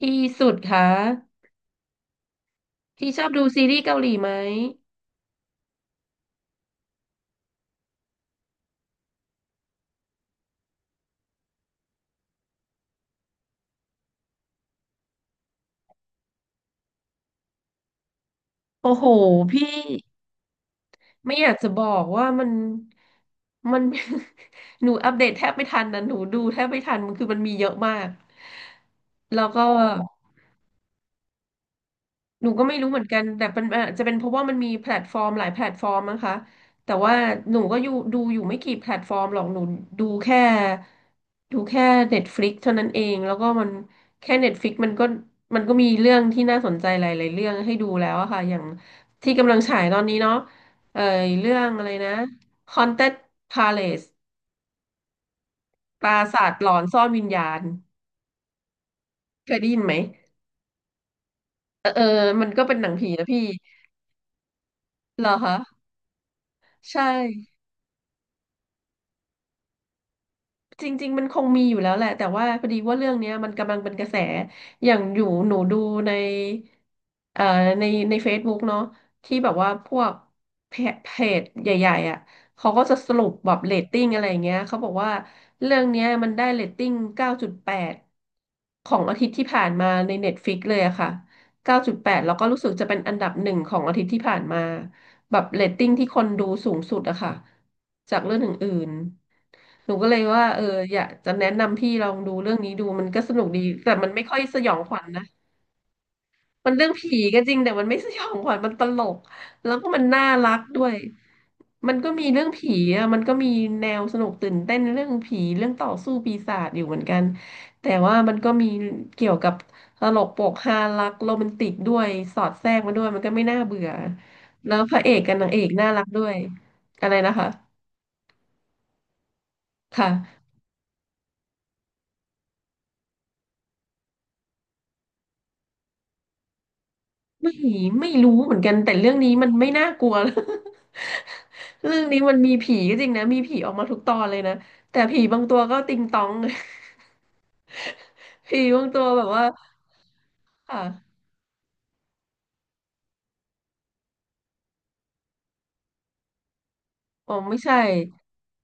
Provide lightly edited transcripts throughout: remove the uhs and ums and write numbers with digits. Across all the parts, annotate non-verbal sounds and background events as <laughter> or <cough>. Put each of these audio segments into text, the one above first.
พี่สุดคะพี่ชอบดูซีรีส์เกาหลีไหมโอ้โหพี่ไม่อยากจะบอกว่ามัน <laughs> หนูอัปเดตแทบไม่ทันนะหนูดูแทบไม่ทันมันคือมันมีเยอะมากแล้วก็ หนูก็ไม่รู้เหมือนกันแต่เป็นอาจจะเป็นเพราะว่ามันมีแพลตฟอร์มหลายแพลตฟอร์มนะคะแต่ว่าหนูก็อยู่ดูอยู่ไม่กี่แพลตฟอร์มหรอกหนูดูแค่ดูแค่ Netflix เท่านั้นเองแล้วก็มันแค่ Netflix มันก็มีเรื่องที่น่าสนใจหลายๆเรื่องให้ดูแล้วอะค่ะอย่างที่กำลังฉายตอนนี้เนาะเอ่อเรื่องอะไรนะ Haunted Palace ปราสาทหลอนซ่อนวิญญาณเคยได้ยินไหมเออเออมันก็เป็นหนังผีนะพี่เหรอคะใช่ จริงๆมันคงมีอยู่แล้วแหละแต่ว่าพอดีว่าเรื่องเนี้ยมันกำลังเป็นกระแสอย่างอยู่หนูดูในเอ่อในในเฟซบุ๊กเนาะที่แบบว่าพวกเพจใหญ่ๆอ่ะเขาก็จะสรุปแบบเรตติ้งอะไรอย่างเงี้ยเขาบอกว่าเรื่องเนี้ยมันได้เรตติ้ง9.8 ของอาทิตย์ที่ผ่านมาใน Netflix เลยอะค่ะ 9.8แปดแล้วก็รู้สึกจะเป็นอันดับหนึ่งของอาทิตย์ที่ผ่านมาแบบเรตติ้งที่คนดูสูงสุดอะค่ะจากเรื่องอื่น หนูก็เลยว่าเอออยากจะแนะนำพี่ลองดูเรื่องนี้ดูมันก็สนุกดีแต่มันไม่ค่อยสยองขวัญนะมันเรื่องผีก็จริงแต่มันไม่สยองขวัญมันตลกแล้วก็มันน่ารักด้วยมันก็มีเรื่องผีอ่ะมันก็มีแนวสนุกตื่นเต้นเรื่องผีเรื่องต่อสู้ปีศาจอยู่เหมือนกันแต่ว่ามันก็มีเกี่ยวกับตลกโปกฮารักโรแมนติกด้วยสอดแทรกมาด้วยมันก็ไม่น่าเบื่อแล้วพระเอกกับนางเอกน่ารักด้วยอะไรนะคะค่ะ ไม่ไม่รู้เหมือนกันแต่เรื่องนี้มันไม่น่ากลัว <laughs> เรื่องนี้มันมีผีก็จริงนะมีผีออกมาทุกตอนเลยนะแต่ผีบางตัวก็ติงตอง <laughs> ผีบางตัวแบบว่าค่ะ อ๋อไม่ใช่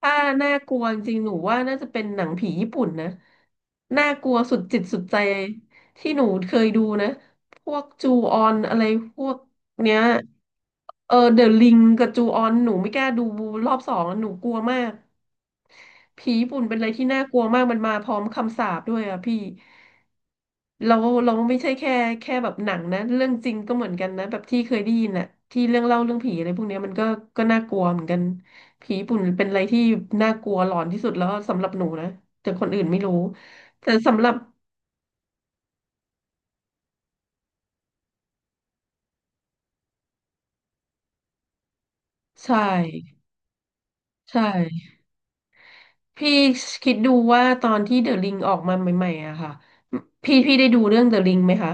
ถ้าน่ากลัวจริงๆหนูว่าน่าจะเป็นหนังผีญี่ปุ่นนะน่ากลัวสุดจิตสุดใจที่หนูเคยดูนะพวกจูออนอะไรพวกเนี้ยเออเดอะลิงกับจูออนหนูไม่กล้าดูรอบสองหนูกลัวมากผีญี่ปุ่นเป็นอะไรที่น่ากลัวมากมันมาพร้อมคำสาปด้วยอ่ะพี่เราเราไม่ใช่แค่แค่แบบหนังนะเรื่องจริงก็เหมือนกันนะแบบที่เคยได้ยินอ่ะที่เรื่องเล่าเรื่องผีอะไรพวกเนี้ยมันก็น่ากลัวเหมือนกัน ผีญี่ปุ่นเป็นอะไรที่น่ากลัวหลอนที่สุดแล้วสำหรับหนูนะแต่คนอื่นไม่รู้แต่สำหรับใช่ใช่พี่คิดดูว่าตอนที่เดอะลิงออกมาใหม่ๆอะค่ะพี่ได้ดูเรื่องเดอะลิงไหมคะ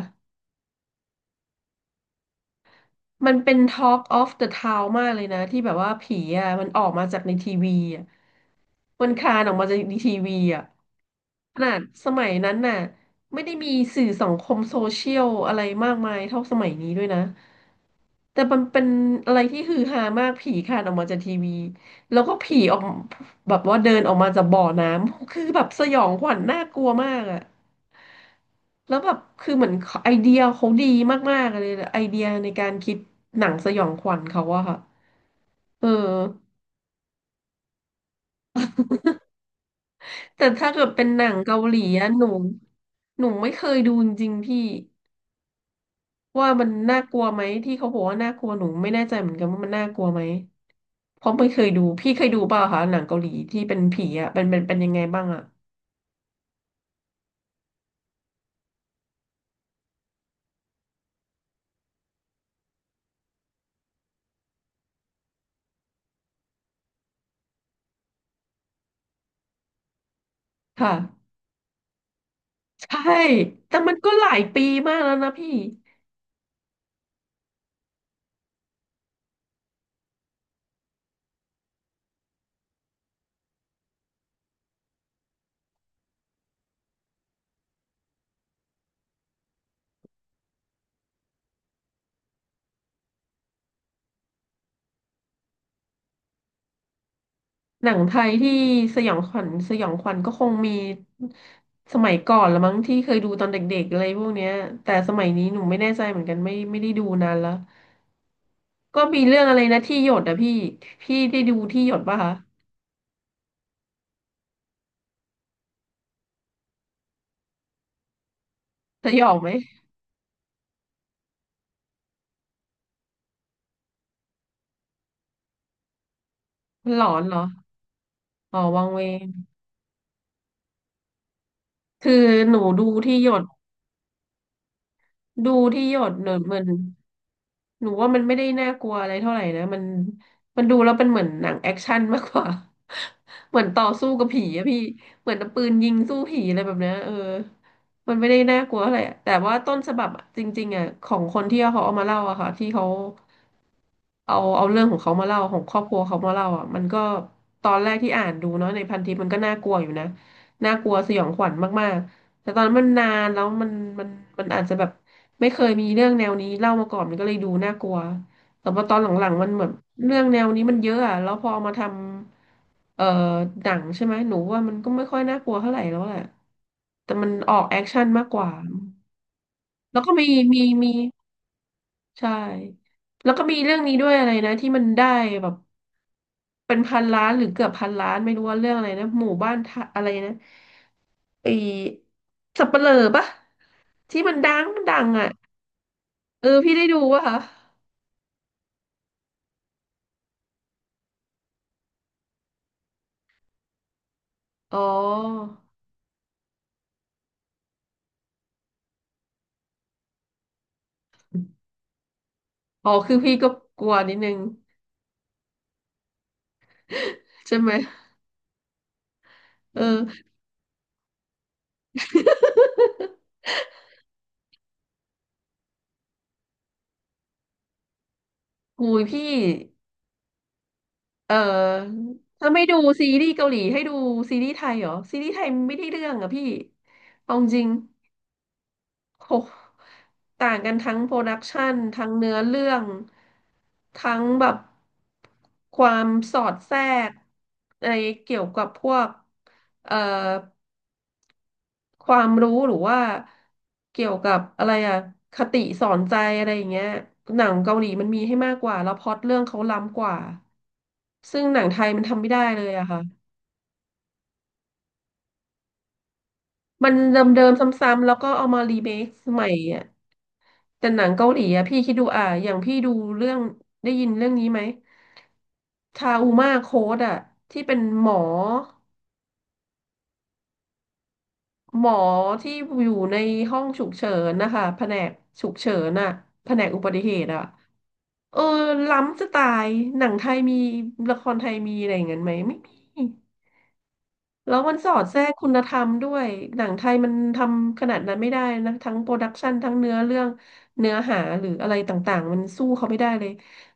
มันเป็น Talk of the Town มากเลยนะที่แบบว่าผีอะมันออกมาจากในทีวีอะมันคลานออกมาจากในทีวีอะขนาดสมัยนั้นน่ะไม่ได้มีสื่อสังคมโซเชียลอะไรมากมายเท่าสมัยนี้ด้วยนะ แต่มันเป็นอะไรที่ฮือฮามากผีคลานออกมาจากทีวีแล้วก็ผีออกแบบว่าเดินออกมาจากบ่อน้ำคือแบบสยองขวัญน่ากลัวมากอะแล้วแบบคือเหมือนไอเดียเขาดีมากๆเลยไอเดียในการคิดหนังสยองขวัญเขาอะค่ะเออแต่ถ้าเกิดเป็นหนังเกาหลีอะหนูไม่เคยดูจริงๆพี่ ว่ามันน่ากลัวไหมที่เขาบอกว่าน่ากลัวหนูไม่แน่ใจเหมือนกันว่ามันน่ากลัวไหมเพราะไม่เคยดูพี่เคยดูเปล่าคะหนังเกาหลีที่เป็นผีอ่ะเป็นยังไงบ้างอ่ะค่ะใช่แต่มันก็หลายปีมากแล้วนะพี่หนังไทยที่สยองขวัญก็คงมีสมัยก่อนละมั้งที่เคยดูตอนเด็กๆอะไรพวกเนี้ยแต่สมัยนี้หนูไม่แน่ใจเหมือนกันไม่ได้ดูนานแล้วก็มีเรื่องอะไรนะที่หยดอะพี่พี่ได้ดูที่หยดป่ะคะสยองไหมมันหลอนเหรอ อ๋อวังเวงคือหนูดูที่หยดหนูเหมือนหนูว่ามันไม่ได้น่ากลัวอะไรเท่าไหร่นะมันมันดูแล้วเป็นเหมือนหนังแอคชั่นมากกว่า <laughs> เหมือนต่อสู้กับผีอะพี่เหมือนเอาปืนยิงสู้ผีอะไรแบบเนี้ยเออมันไม่ได้น่ากลัวอะไรอะแต่ว่าต้นฉบับอะจริงๆอะของคนที่เขาเอามาเล่าอะค่ะที่เขา เอาเรื่องของเขามาเล่าของครอบครัวเขามาเล่าอ่ะมันก็ตอนแรกที่อ่านดูเนาะในพันทิปมันก็น่ากลัวอยู่นะน่ากลัวสยองขวัญมากๆแต่ตอนนั้นมันนานแล้วมันมันอาจจะแบบไม่เคยมีเรื่องแนวนี้เล่ามาก่อนมันก็เลยดูน่ากลัวแต่พอตอนหลังๆมันเหมือนเรื่องแนวนี้มันเยอะอ่ะแล้วพอเอามาทำเอ่อหนังใช่ไหมหนูว่ามันก็ไม่ค่อยน่ากลัวเท่าไหร่แล้วแหละแต่มันออกแอคชั่นมากกว่าแล้วก็มีใช่แล้วก็มีเรื่องนี้ด้วยอะไรนะที่มันได้แบบ เป็นพันล้านหรือเกือบพันล้านไม่รู้ว่าเรื่องอะไรนะหมู่บ้านทะอะไรนะไอสับเปลือปะที่มันดังอ่ะเออพี่ได้ดูป่ะคะอ๋ออ๋อคือพี่ก็กลัวนิดนึงใช่ไหมเออหูยพี่เออถ้าไม่ดูซีรีส์เกาหลีให้ดูซีรีส์ไทยเหรอซีรีส์ไทยไม่ได้เรื่องอ่ะพี่เอาจริง โหต่างกันทั้งโปรดักชันทั้งเนื้อเรื่อง ทั้งแบบความสอดแทรกในเกี่ยวกับพวกเอ่อความรู้หรือว่าเกี่ยวกับอะไรอะคติสอนใจอะไรอย่างเงี้ยหนังเกาหลีมันมีให้มากกว่าแล้วพล็อตเรื่องเขาล้ำกว่า ซึ่งหนังไทยมันทำไม่ได้เลยอะค่ะ มันเดิมๆซ้ำๆแล้วก็เอามารีเมคใหม่อะ แต่หนังเกาหลีอะพี่คิดดูอ่ะอย่างพี่ดูเรื่องได้ยินเรื่องนี้ไหมทาอุมาโค้ดอะที่เป็นหมอหมอที่อยู่ในห้องฉุกเฉินนะคะแผนกฉุกเฉินอะแผนกอุบัติเหตุอะเออล้ำจะตายหนังไทยมีละครไทยมีอะไรอย่างนั้นไหมไม่มี แล้วมันสอดแทรกคุณธรรมด้วย หนังไทยมันทำขนาดนั้นไม่ได้นะทั้งโปรดักชันทั้งเนื้อเรื่องเนื้อหาหรืออะไรต่างๆมันสู้เขาไม่ได้เลย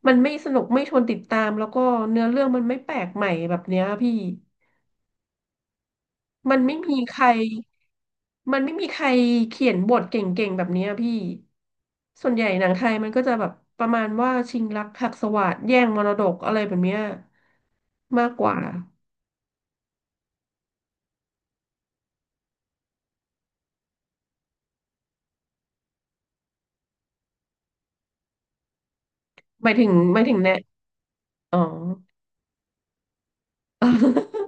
มันไม่สนุกไม่ชวนติดตามแล้วก็เนื้อเรื่องมันไม่แปลกใหม่แบบเนี้ยพี่มันไม่มีใครมันไม่มีใครเขียนบทเก่งๆแบบเนี้ยพี่ส่วนใหญ่หนังไทยมันก็จะแบบประมาณว่าชิงรักหักสวาทแย่งมรดกอะไรแบบเนี้ยมากกว่าหมายถึงแนะอ๋อ <laughs>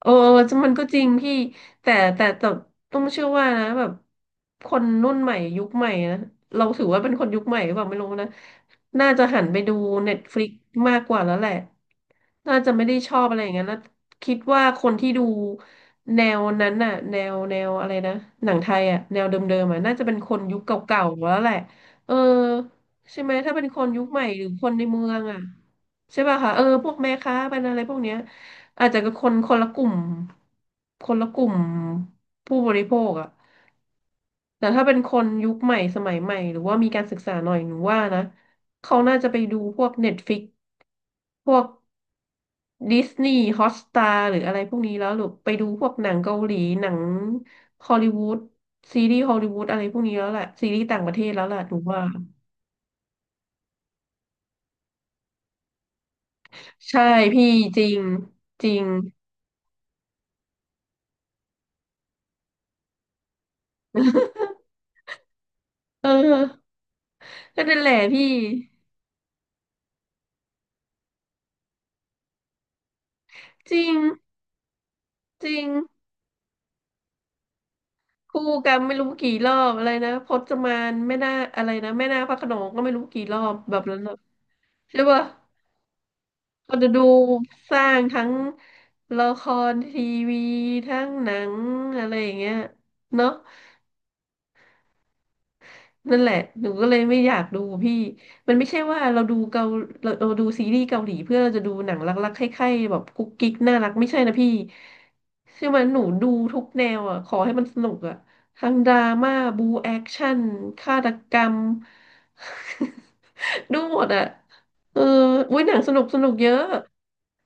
เออมันก็จริงพี่แต่ต้องเชื่อว่านะแบบคนรุ่นใหม่ยุคใหม่นะเราถือว่าเป็นคนยุคใหม่หรือเปล่าไม่รู้นะน่าจะหันไปดูเน็ตฟลิกมากกว่าแล้วแหละ น่าจะไม่ได้ชอบอะไรอย่างนั้นแล้วคิดว่าคนที่ดูแนวนั้นน่ะแนวอะไรนะหนังไทยอ่ะแนวเดิมๆอ่ะน่าจะเป็นคนยุคเก่าๆแล้วแหละเออใช่ไหมถ้าเป็นคนยุคใหม่หรือคนในเมืองอ่ะใช่ป่ะคะเออพวกแม่ค้าเป็นอะไรพวกเนี้ย อาจจะเป็นคนคนละกลุ่มคนละกลุ่มผู้บริโภคอะแต่ถ้าเป็นคนยุคใหม่สมัยใหม่หรือว่ามีการศึกษาหน่อยหนูว่านะเขาน่าจะไปดูพวก Netflix พวกดิสนีย์ฮอ t สตาร์หรืออะไรพวกนี้แล้วหรือไปดูพวกหนังเกาหลีหนังฮอลลีวูดซีรีส์ฮอลลีวูดอะไรพวกนี้แล้วแหละซีรีส์ต่างประเทศแล้วแหละหนูว่าใช่พี่จริงจริงเออก็นั่นแหละพี่จริงจริง คู่กรรมไม่รู้กี่รอบอะไรนะพจมานแม่นาคอะไรนะแม่นาคพระโขนงก็ไม่รู้กี่รอบแบบนั้นน่ะใช่ป่ะก็จะดูสร้างทั้งละครทีวีทั้งหนังอะไรอย่างเงี้ยเนาะ นั่นแหละหนูก็เลยไม่อยากดูพี่มันไม่ใช่ว่าเราดูเกาเราดูซีรีส์เกาหลีเพื่อเราจะดูหนังรักๆใคร่ๆแบบกุ๊กกิ๊กน่ารักไม่ใช่นะพี่ใช่ไหมหนูดูทุกแนวอ่ะขอให้มันสนุกอ่ะทั้งดราม่าบูแอคชั่นฆาตกรรม <laughs> ดูหมดอ่ะเอออุ้ยหนังสนุกสนุกเยอะ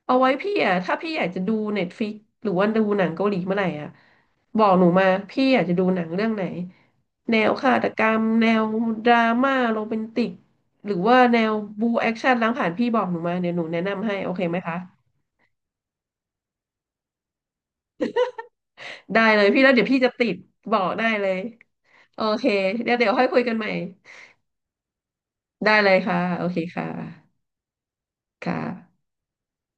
เอาไว้พี่อ่ะถ้าพี่อยากจะดูเน็ตฟ i ิกหรือว่าดูหนังเกาหลีเมื่อไหร่อ่ะบอกหนูมาพี่อยากจะดูหนังเรื่องไหน แนวฆาตกรรมแนวดราม่าโรแมนติกหรือว่าแนวบูแอคชั่นล้างผ่านพี่บอกหนูมาเดี๋ยวหนูแนะนำให้โอเคไหมคะได้เลยพี่แล้วเดี๋ยวพี่จะติดบอกได้เลยโอเคเดี๋ยวค่อยคุยกันใหม่ได้เลยค่ะโอเคค่ะค่ะ